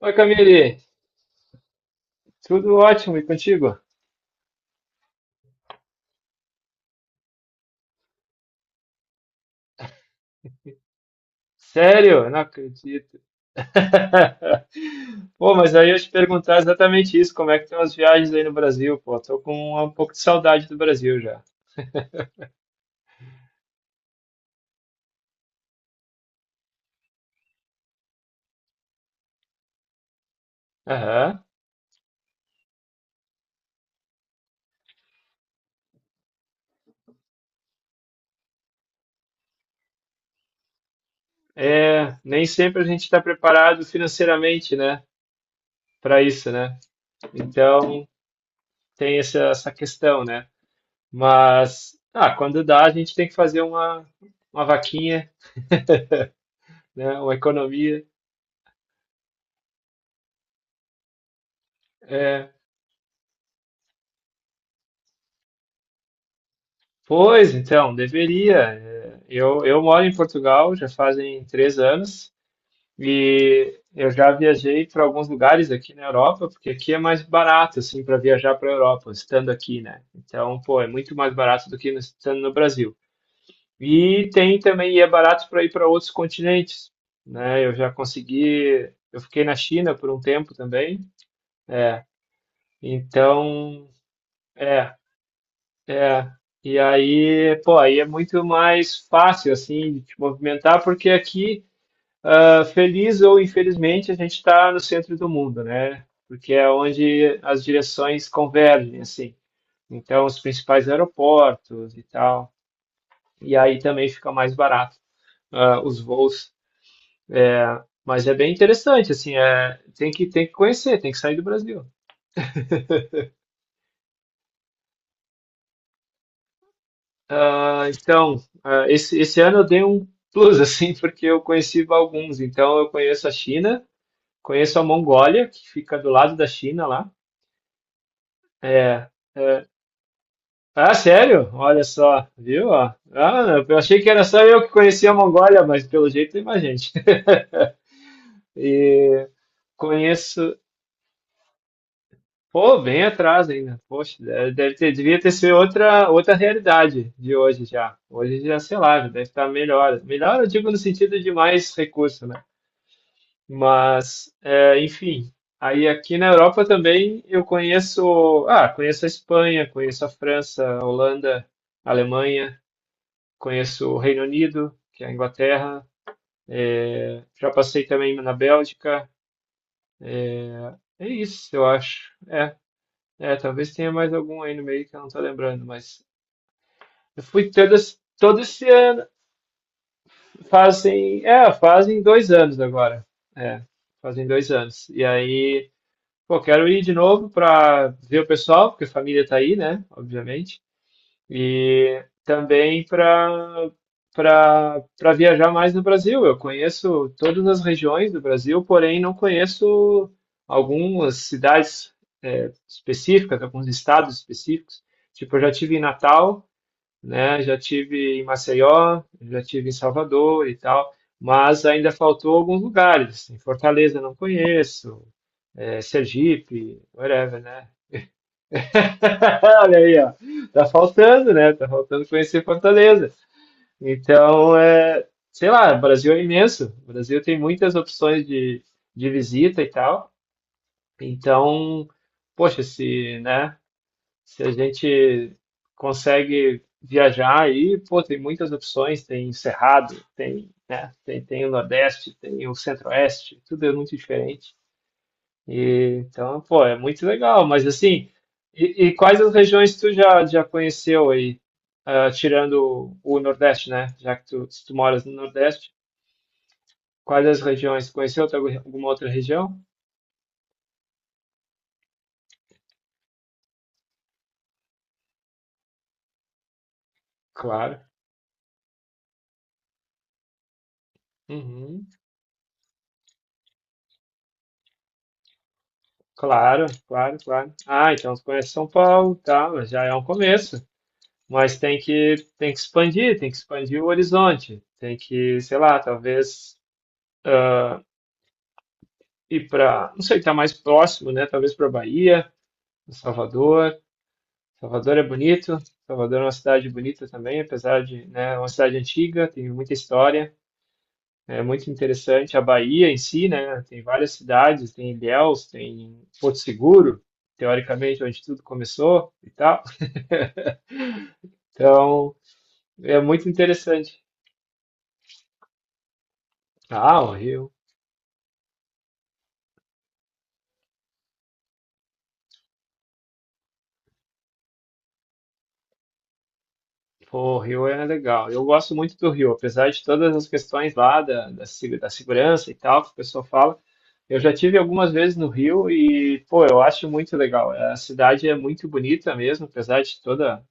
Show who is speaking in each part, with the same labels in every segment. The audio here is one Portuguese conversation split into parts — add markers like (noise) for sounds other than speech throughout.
Speaker 1: Oi, Camille, tudo ótimo e contigo? Sério? Eu não acredito. (laughs) Pô, mas aí eu ia te perguntar exatamente isso, como é que estão as viagens aí no Brasil? Pô, tô com um pouco de saudade do Brasil já. Aham. É, nem sempre a gente está preparado financeiramente, né, para isso, né? Então tem essa questão, né? Mas quando dá, a gente tem que fazer uma vaquinha, né, uma economia. É, pois, então, deveria. É. Eu moro em Portugal já fazem 3 anos e eu já viajei para alguns lugares aqui na Europa, porque aqui é mais barato, assim, para viajar para a Europa, estando aqui, né? Então, pô, é muito mais barato do que no- estando no Brasil. E tem também, e é barato para ir para outros continentes, né? Eu já consegui, eu fiquei na China por um tempo também, é. Então, é É, e aí, pô, aí é muito mais fácil, assim, de te movimentar, porque aqui, feliz ou infelizmente, a gente está no centro do mundo, né? Porque é onde as direções convergem, assim. Então, os principais aeroportos e tal. E aí também fica mais barato, os voos. É, mas é bem interessante, assim, tem que conhecer, tem que sair do Brasil. Ah, então, esse ano eu dei um plus, (laughs) assim, porque eu conheci alguns. Então, eu conheço a China, conheço a Mongólia, que fica do lado da China lá. É. Ah, sério? Olha só, viu? Ó? Ah, eu achei que era só eu que conhecia a Mongólia, mas pelo jeito tem mais gente. (laughs) E conheço. Pô, bem atrás ainda. Poxa, deve ter, devia ter sido outra realidade de hoje já. Hoje já, sei lá, já deve estar melhor. Melhor eu digo no sentido de mais recurso, né? Mas, enfim, aí aqui na Europa também eu conheço, conheço a Espanha, conheço a França, a Holanda, a Alemanha, conheço o Reino Unido, que é a Inglaterra, já passei também na Bélgica, é isso, eu acho. É, talvez tenha mais algum aí no meio que eu não tô lembrando, mas eu fui todas, todo esse ano, fazem 2 anos agora, é, fazem dois anos. E aí, pô, quero ir de novo para ver o pessoal, porque a família tá aí, né? Obviamente. E também para viajar mais no Brasil. Eu conheço todas as regiões do Brasil, porém não conheço algumas cidades específicas, alguns estados específicos. Tipo, eu já tive em Natal, né? Já tive em Maceió, já tive em Salvador e tal, mas ainda faltou alguns lugares. Em Fortaleza eu não conheço, Sergipe, whatever, né? (laughs) Olha aí, ó. Tá faltando, né? Tá faltando conhecer Fortaleza. Então, é, sei lá, o Brasil é imenso. O Brasil tem muitas opções de visita e tal. Então, poxa, se, né, se a gente consegue viajar aí, pô, tem muitas opções, tem Cerrado, tem, né, tem o Nordeste, tem o Centro-Oeste, tudo é muito diferente. E, então, pô, é muito legal, mas assim, e quais as regiões tu já conheceu aí, tirando o Nordeste, né? Já que tu, se tu moras no Nordeste, quais as regiões? Conheceu outra- alguma outra região? Claro. Uhum. Claro, claro, claro. Ah, então tu conhece São Paulo, tá, mas já é um começo. Mas tem que expandir, tem que expandir o horizonte, tem que, sei lá, talvez ah, ir para, não sei, tá mais próximo, né? Talvez para Bahia do Salvador. Salvador é bonito. Salvador é uma cidade bonita também, apesar de, né, é uma cidade antiga, tem muita história. É muito interessante a Bahia em si, né? Tem várias cidades, tem Ilhéus, tem Porto Seguro, teoricamente onde tudo começou e tal. (laughs) Então, é muito interessante. Ah, o Rio. Pô, o Rio é legal. Eu gosto muito do Rio, apesar de todas as questões lá da, da, se- da segurança e tal, que o pessoal fala. Eu já tive algumas vezes no Rio e, pô, eu acho muito legal. A cidade é muito bonita mesmo, apesar de toda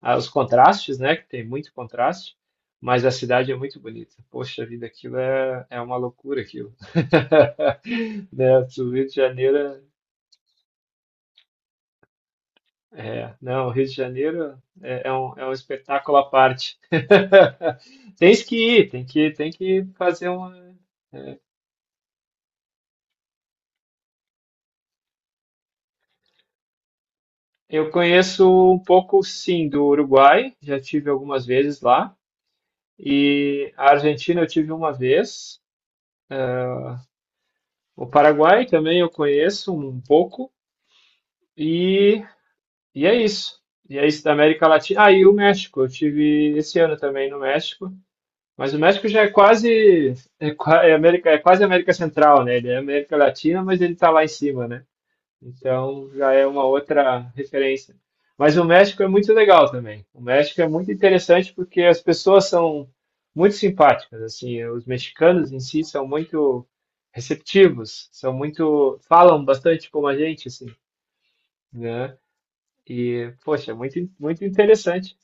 Speaker 1: os contrastes, né? Que tem muito contraste, mas a cidade é muito bonita. Poxa vida, aquilo é, é uma loucura, aquilo. (laughs) Né? O Rio de Janeiro é. É, não, o Rio de Janeiro é um espetáculo à parte. (laughs) Tens que ir, tem que fazer uma. Eu conheço um pouco, sim, do Uruguai, já tive algumas vezes lá, e a Argentina eu tive uma vez, o Paraguai também eu conheço um pouco, e, e é isso. E é isso da América Latina. Ah, e o México, eu tive esse ano também no México. Mas o México já é quase, é, é América, é quase América Central, né? Ele é América Latina, mas ele está lá em cima, né? Então já é uma outra referência. Mas o México é muito legal também. O México é muito interessante porque as pessoas são muito simpáticas, assim, os mexicanos em si são muito receptivos, são muito, falam bastante como a gente, assim, né? E, poxa, é muito, muito interessante.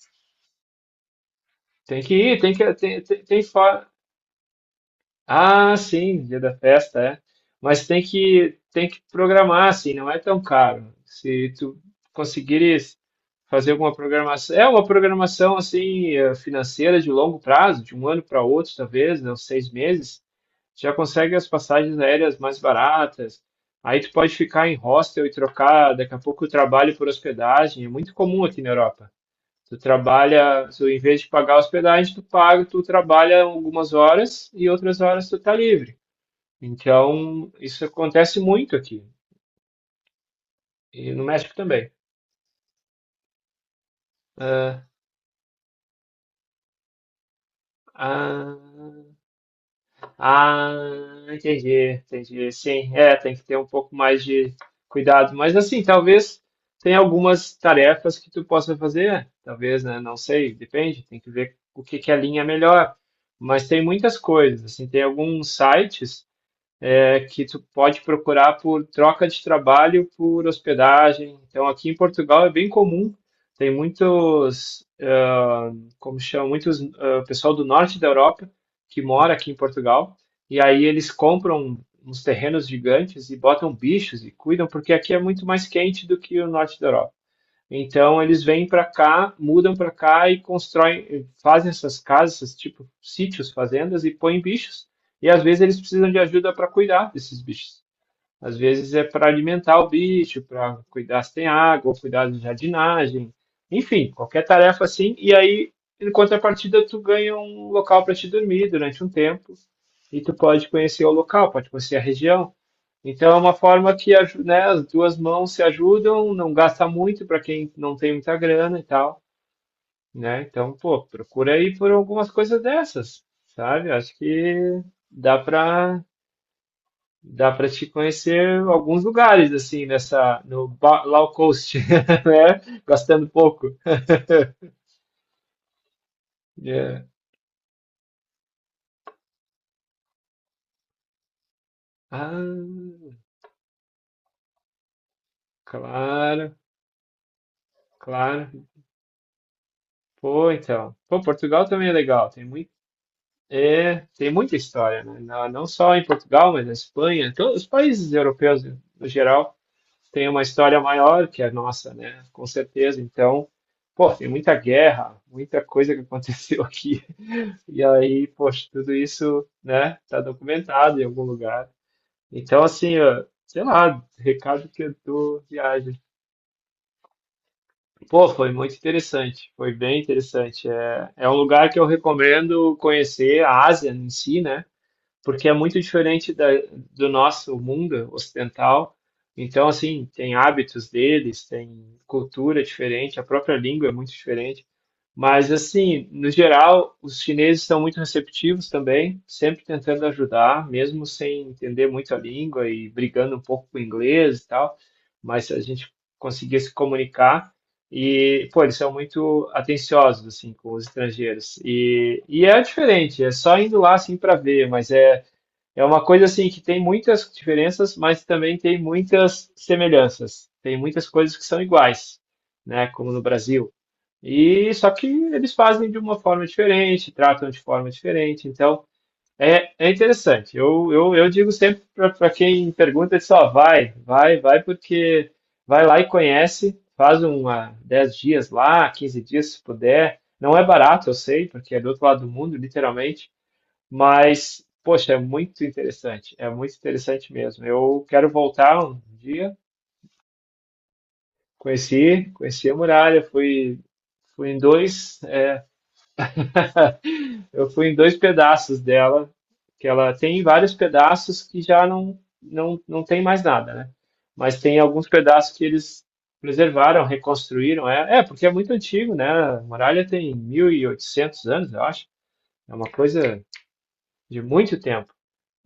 Speaker 1: Tem que ir, tem que, tem, tem, tem, Ah, sim, dia da festa, é. Mas tem que programar assim, não é tão caro. Se tu conseguires fazer alguma programação, é uma programação assim financeira de longo prazo, de um ano para outro, talvez, né, uns 6 meses, já consegue as passagens aéreas mais baratas. Aí tu pode ficar em hostel e trocar daqui a pouco o trabalho por hospedagem. É muito comum aqui na Europa. Tu trabalha, tu, em vez de pagar hospedagem, tu paga, tu trabalha algumas horas e outras horas tu tá livre. Então, isso acontece muito aqui. E no México também. Ah, ah, ah, Entendi, entendi. Sim, é, tem que ter um pouco mais de cuidado. Mas assim, talvez tem algumas tarefas que tu possa fazer, talvez, né? Não sei, depende, tem que ver o que que alinha melhor. Mas tem muitas coisas, assim, tem alguns sites que tu pode procurar por troca de trabalho por hospedagem. Então, aqui em Portugal é bem comum, tem muitos, como chama, muitos pessoal do norte da Europa que mora aqui em Portugal, e aí eles compram uns terrenos gigantes e botam bichos e cuidam, porque aqui é muito mais quente do que o norte da Europa. Então eles vêm para cá, mudam para cá e constroem, fazem essas casas, esses tipo sítios, fazendas e põem bichos. E às vezes eles precisam de ajuda para cuidar desses bichos. Às vezes é para alimentar o bicho, para cuidar se tem água, cuidar de jardinagem, enfim, qualquer tarefa assim. E aí, em contrapartida, tu ganha um local para te dormir durante um tempo e tu pode conhecer o local, pode conhecer a região. Então é uma forma que, aju- né, as duas mãos se ajudam, não gasta muito para quem não tem muita grana e tal, né? Então, pô, procura aí por algumas coisas dessas, sabe? Acho que dá para dá para te conhecer alguns lugares assim nessa no ba- low cost, (laughs) né? Gastando pouco. É. Ah, claro, claro. Pô, então. Pô, Portugal também é legal, tem muito. É, tem muita história, né? Não só em Portugal, mas na Espanha, todos os países europeus, no geral, têm uma história maior que a nossa, né? Com certeza. Então, pô, tem muita guerra, muita coisa que aconteceu (laughs) aqui. E aí, poxa, tudo isso, né, tá documentado em algum lugar. Então, assim, ó, sei lá, recado que eu dou viagem. Pô, foi muito interessante, foi bem interessante. É, é um lugar que eu recomendo conhecer, a Ásia em si, né? Porque é muito diferente da, do nosso mundo ocidental. Então, assim, tem hábitos deles, tem cultura diferente, a própria língua é muito diferente. Mas, assim, no geral, os chineses são muito receptivos também, sempre tentando ajudar, mesmo sem entender muito a língua e brigando um pouco com o inglês e tal. Mas a gente conseguia se comunicar. E, pô, eles são muito atenciosos, assim, com os estrangeiros. E é diferente, é só indo lá, assim, para ver, mas é é uma coisa assim que tem muitas diferenças, mas também tem muitas semelhanças. Tem muitas coisas que são iguais, né? Como no Brasil. E só que eles fazem de uma forma diferente, tratam de forma diferente. Então é, é interessante. Eu digo sempre para quem pergunta, só vai, vai, vai, porque vai lá e conhece, faz uma 10 dias lá, 15 dias se puder. Não é barato, eu sei, porque é do outro lado do mundo, literalmente, mas, poxa, é muito interessante mesmo. Eu quero voltar um dia. Conheci a muralha, fui, fui em dois, é, (laughs) eu fui em dois pedaços dela, que ela tem vários pedaços que já não tem mais nada, né? Mas tem alguns pedaços que eles preservaram, reconstruíram. É, é, porque é muito antigo, né? A muralha tem 1.800 anos, eu acho. É uma coisa de muito tempo.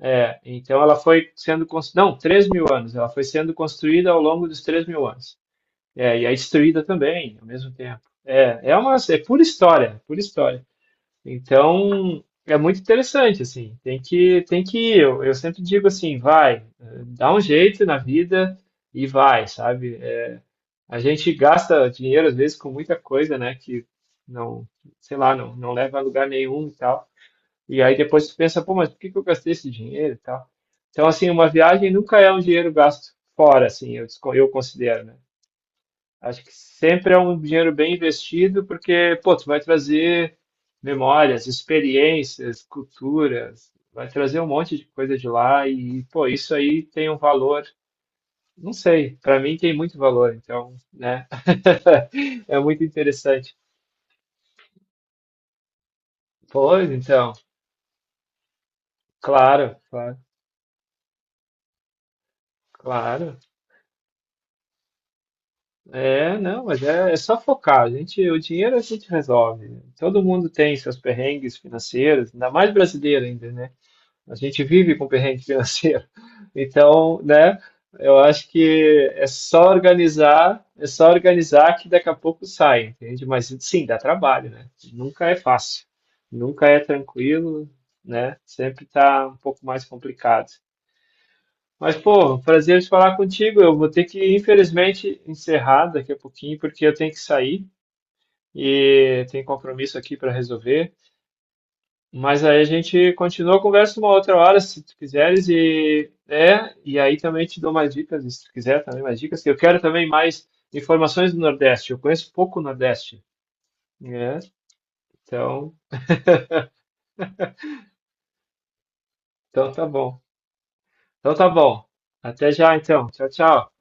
Speaker 1: É, então ela foi sendo construída, não, 3.000 anos, ela foi sendo construída ao longo dos 3.000 anos. É, e é destruída também, ao mesmo tempo. É, é uma, é pura história, pura história. Então, é muito interessante, assim, tem que Eu sempre digo assim, vai, dá um jeito na vida e vai, sabe? É, a gente gasta dinheiro, às vezes, com muita coisa, né, que não, sei lá, não leva a lugar nenhum e tal. E aí depois tu pensa, pô, mas por que que eu gastei esse dinheiro e tal? Então, assim, uma viagem nunca é um dinheiro gasto fora, assim, eu considero, né? Acho que sempre é um dinheiro bem investido, porque, pô, tu vai trazer memórias, experiências, culturas, vai trazer um monte de coisa de lá e, pô, isso aí tem um valor, não sei, para mim tem muito valor, então, né? (laughs) É muito interessante. Pois, então, claro, claro, claro. É, não, mas é só focar. A gente, o dinheiro a gente resolve. Todo mundo tem seus perrengues financeiros, ainda mais brasileiro ainda, né? A gente vive com perrengue financeiro. (laughs) Então, né? Eu acho que é só organizar que daqui a pouco sai, entende? Mas sim, dá trabalho, né? Nunca é fácil, nunca é tranquilo, né? Sempre tá um pouco mais complicado. Mas, pô, prazer em falar contigo. Eu vou ter que, infelizmente, encerrar daqui a pouquinho, porque eu tenho que sair e tem compromisso aqui para resolver. Mas aí a gente continua a conversa uma outra hora, se tu quiseres, e aí também te dou mais dicas, se tu quiser também mais dicas, que eu quero também mais informações do Nordeste. Eu conheço pouco o Nordeste, né? Então, então, tá bom. Então tá bom. Até já, então. Tchau, tchau.